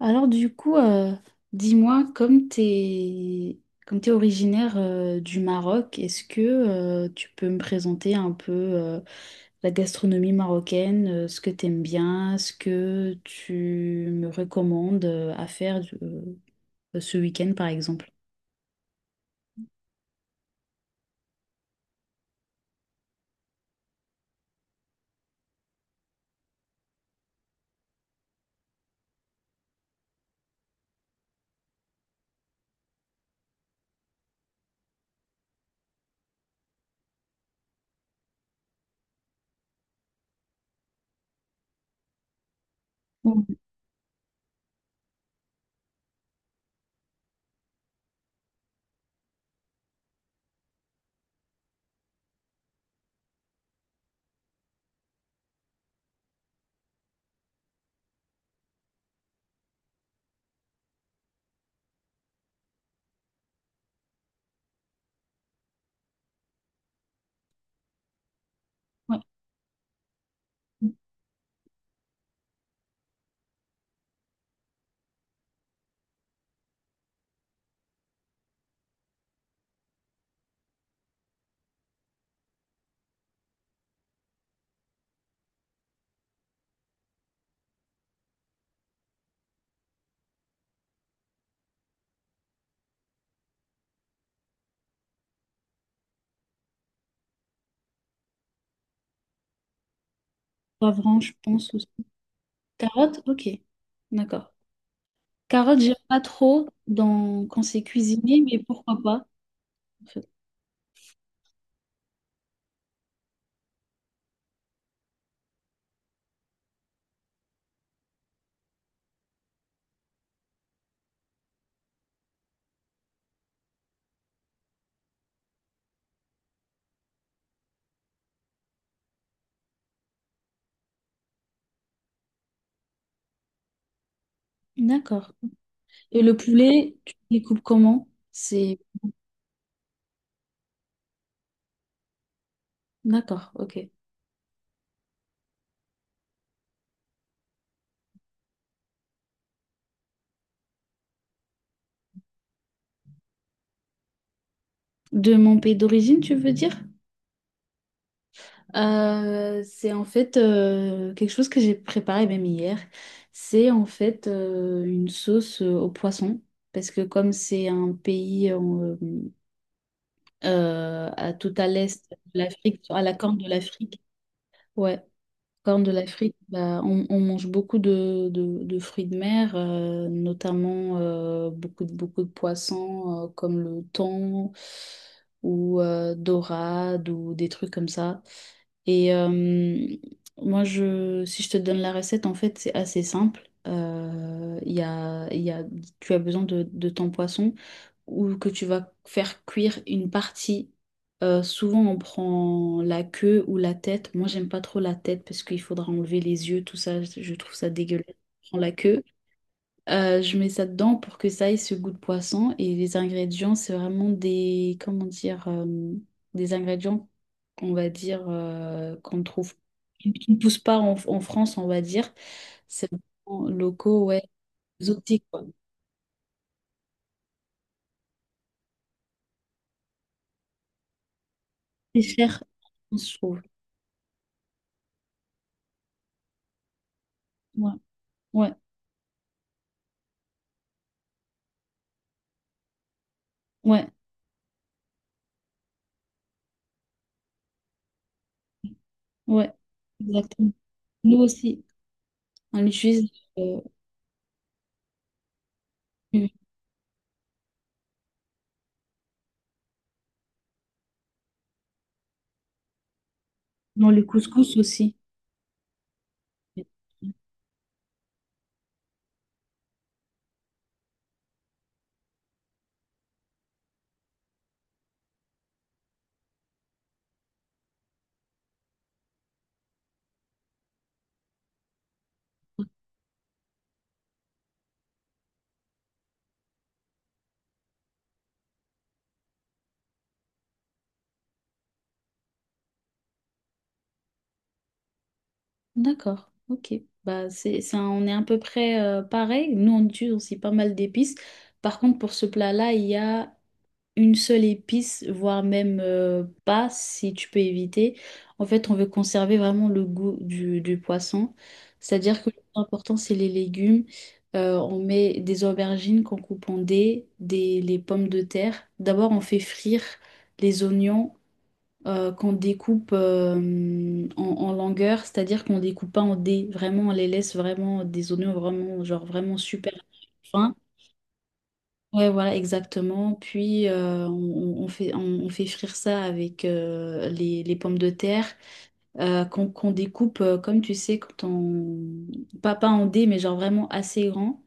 Alors du coup, dis-moi, comme t'es originaire du Maroc, est-ce que tu peux me présenter un peu la gastronomie marocaine, ce que t'aimes bien, ce que tu me recommandes à faire ce week-end par exemple? Bon, ouais. Poivron, je pense aussi. Carottes, ok, d'accord. Carottes, j'aime pas trop dans quand c'est cuisiné, mais pourquoi pas? En fait. D'accord. Et le poulet, tu les coupes comment? C'est D'accord, ok. De mon pays d'origine, tu veux dire? C'est en fait quelque chose que j'ai préparé même hier. C'est en fait une sauce au poisson. Parce que comme c'est un pays à, tout à l'est de l'Afrique, à la corne de l'Afrique, ouais, Corne de l'Afrique, bah, on mange beaucoup de fruits de mer, notamment beaucoup de poissons comme le thon ou dorade ou des trucs comme ça. Et moi, si je te donne la recette, en fait, c'est assez simple. Il y a tu as besoin de ton poisson ou que tu vas faire cuire une partie. Souvent, on prend la queue ou la tête. Moi, j'aime pas trop la tête parce qu'il faudra enlever les yeux, tout ça. Je trouve ça dégueulasse. Je prends la queue. Je mets ça dedans pour que ça ait ce goût de poisson. Et les ingrédients, c'est vraiment des, comment dire, des ingrédients, on va dire, qu'on trouve, qui ne poussent pas en, en France, on va dire. C'est vraiment locaux, ouais, exotiques, quoi. C'est cher, je trouve. Ouais, ouais, ouais. Ouais, exactement. Nous aussi, on l'utilise euh, dans le couscous aussi. D'accord, ok. Bah, c'est, ça, on est à peu près pareil. Nous, on utilise aussi pas mal d'épices. Par contre, pour ce plat-là, il y a une seule épice, voire même pas, si tu peux éviter. En fait, on veut conserver vraiment le goût du poisson. C'est-à-dire que le plus important, c'est les légumes. On met des aubergines qu'on coupe en dés, des, les pommes de terre. D'abord, on fait frire les oignons qu'on découpe en, en longueur, c'est-à-dire qu'on découpe pas en dés. Vraiment, on les laisse vraiment des oignons vraiment, genre vraiment super fins. Ouais, voilà, exactement. Puis, on fait frire ça avec les pommes de terre qu'on découpe, comme tu sais, quand on Pas, pas en dés, mais genre vraiment assez grand.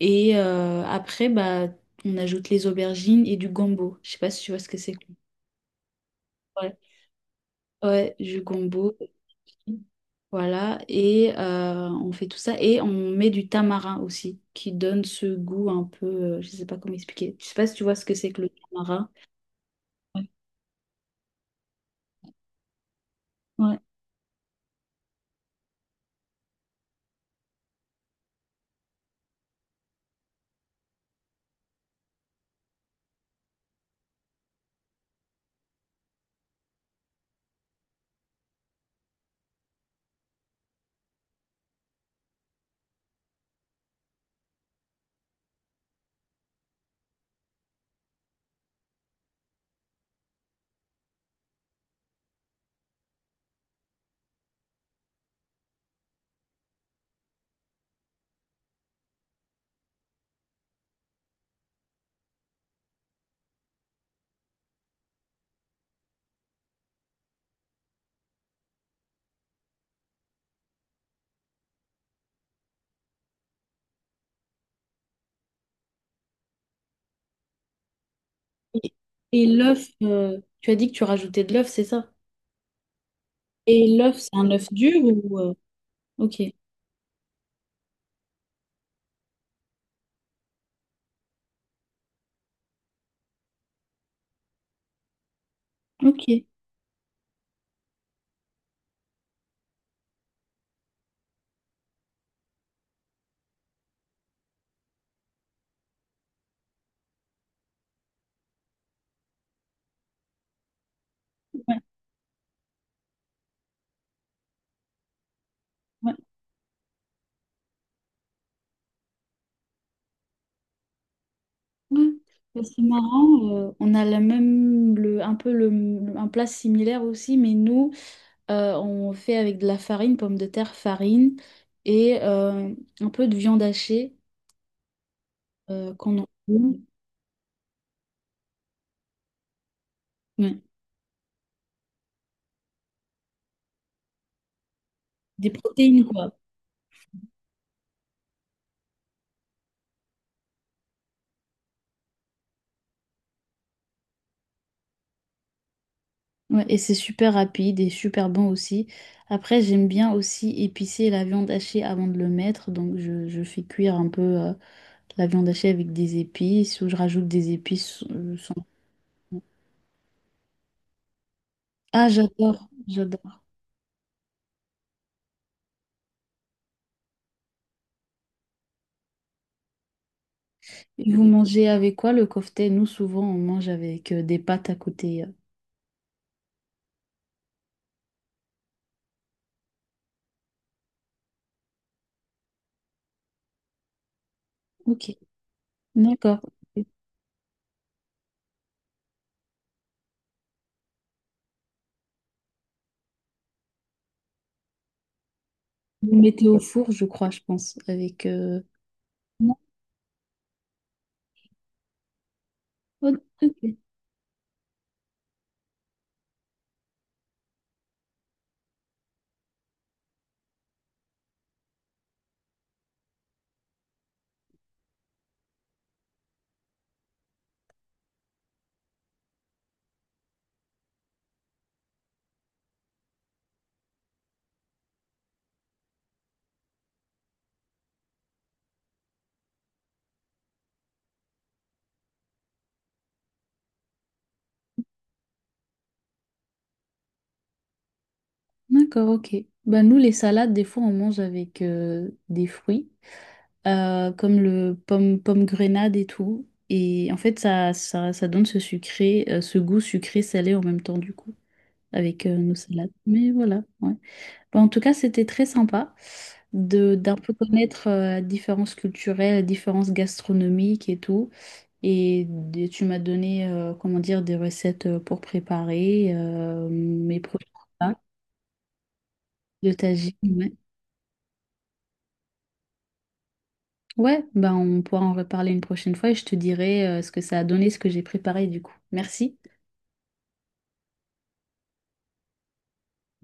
Et après, bah, on ajoute les aubergines et du gombo. Je sais pas si tu vois ce que c'est. Ouais, ouais, du gombo. Voilà. Et on fait tout ça. Et on met du tamarin aussi, qui donne ce goût un peu je sais pas comment expliquer. Je sais pas si tu vois ce que c'est que le tamarin. Ouais. Et, et l'œuf, tu as dit que tu rajoutais de l'œuf, c'est ça? Et l'œuf, c'est un œuf dur ou ok, ok. Ouais, ouais, ouais. Bah, c'est marrant, on a la même, le, un peu le, un plat similaire aussi, mais nous, on fait avec de la farine, pommes de terre, farine et un peu de viande hachée qu'on en Ouais. Des protéines, quoi. Ouais, et c'est super rapide et super bon aussi. Après, j'aime bien aussi épicer la viande hachée avant de le mettre. Donc, je fais cuire un peu la viande hachée avec des épices ou je rajoute des épices sans- Ah, j'adore, j'adore. Et vous mangez avec quoi le kofté? Nous, souvent, on mange avec des pâtes à côté. Ok, d'accord. Vous mettez au four, je crois, je pense, avec non, oh, ok, d'accord, ok. Bah, nous, les salades, des fois, on mange avec des fruits, comme le pomme, pomme grenade et tout. Et en fait, ça donne ce sucré, ce goût sucré-salé en même temps, du coup, avec nos salades. Mais voilà, ouais. Bah, en tout cas, c'était très sympa de, d'un peu connaître la différence culturelle, la différence gastronomique et tout. Et, d- tu m'as donné, comment dire, des recettes pour préparer mes prochains plats de tagine. Ouais, ben on pourra en reparler une prochaine fois et je te dirai ce que ça a donné, ce que j'ai préparé du coup. Merci.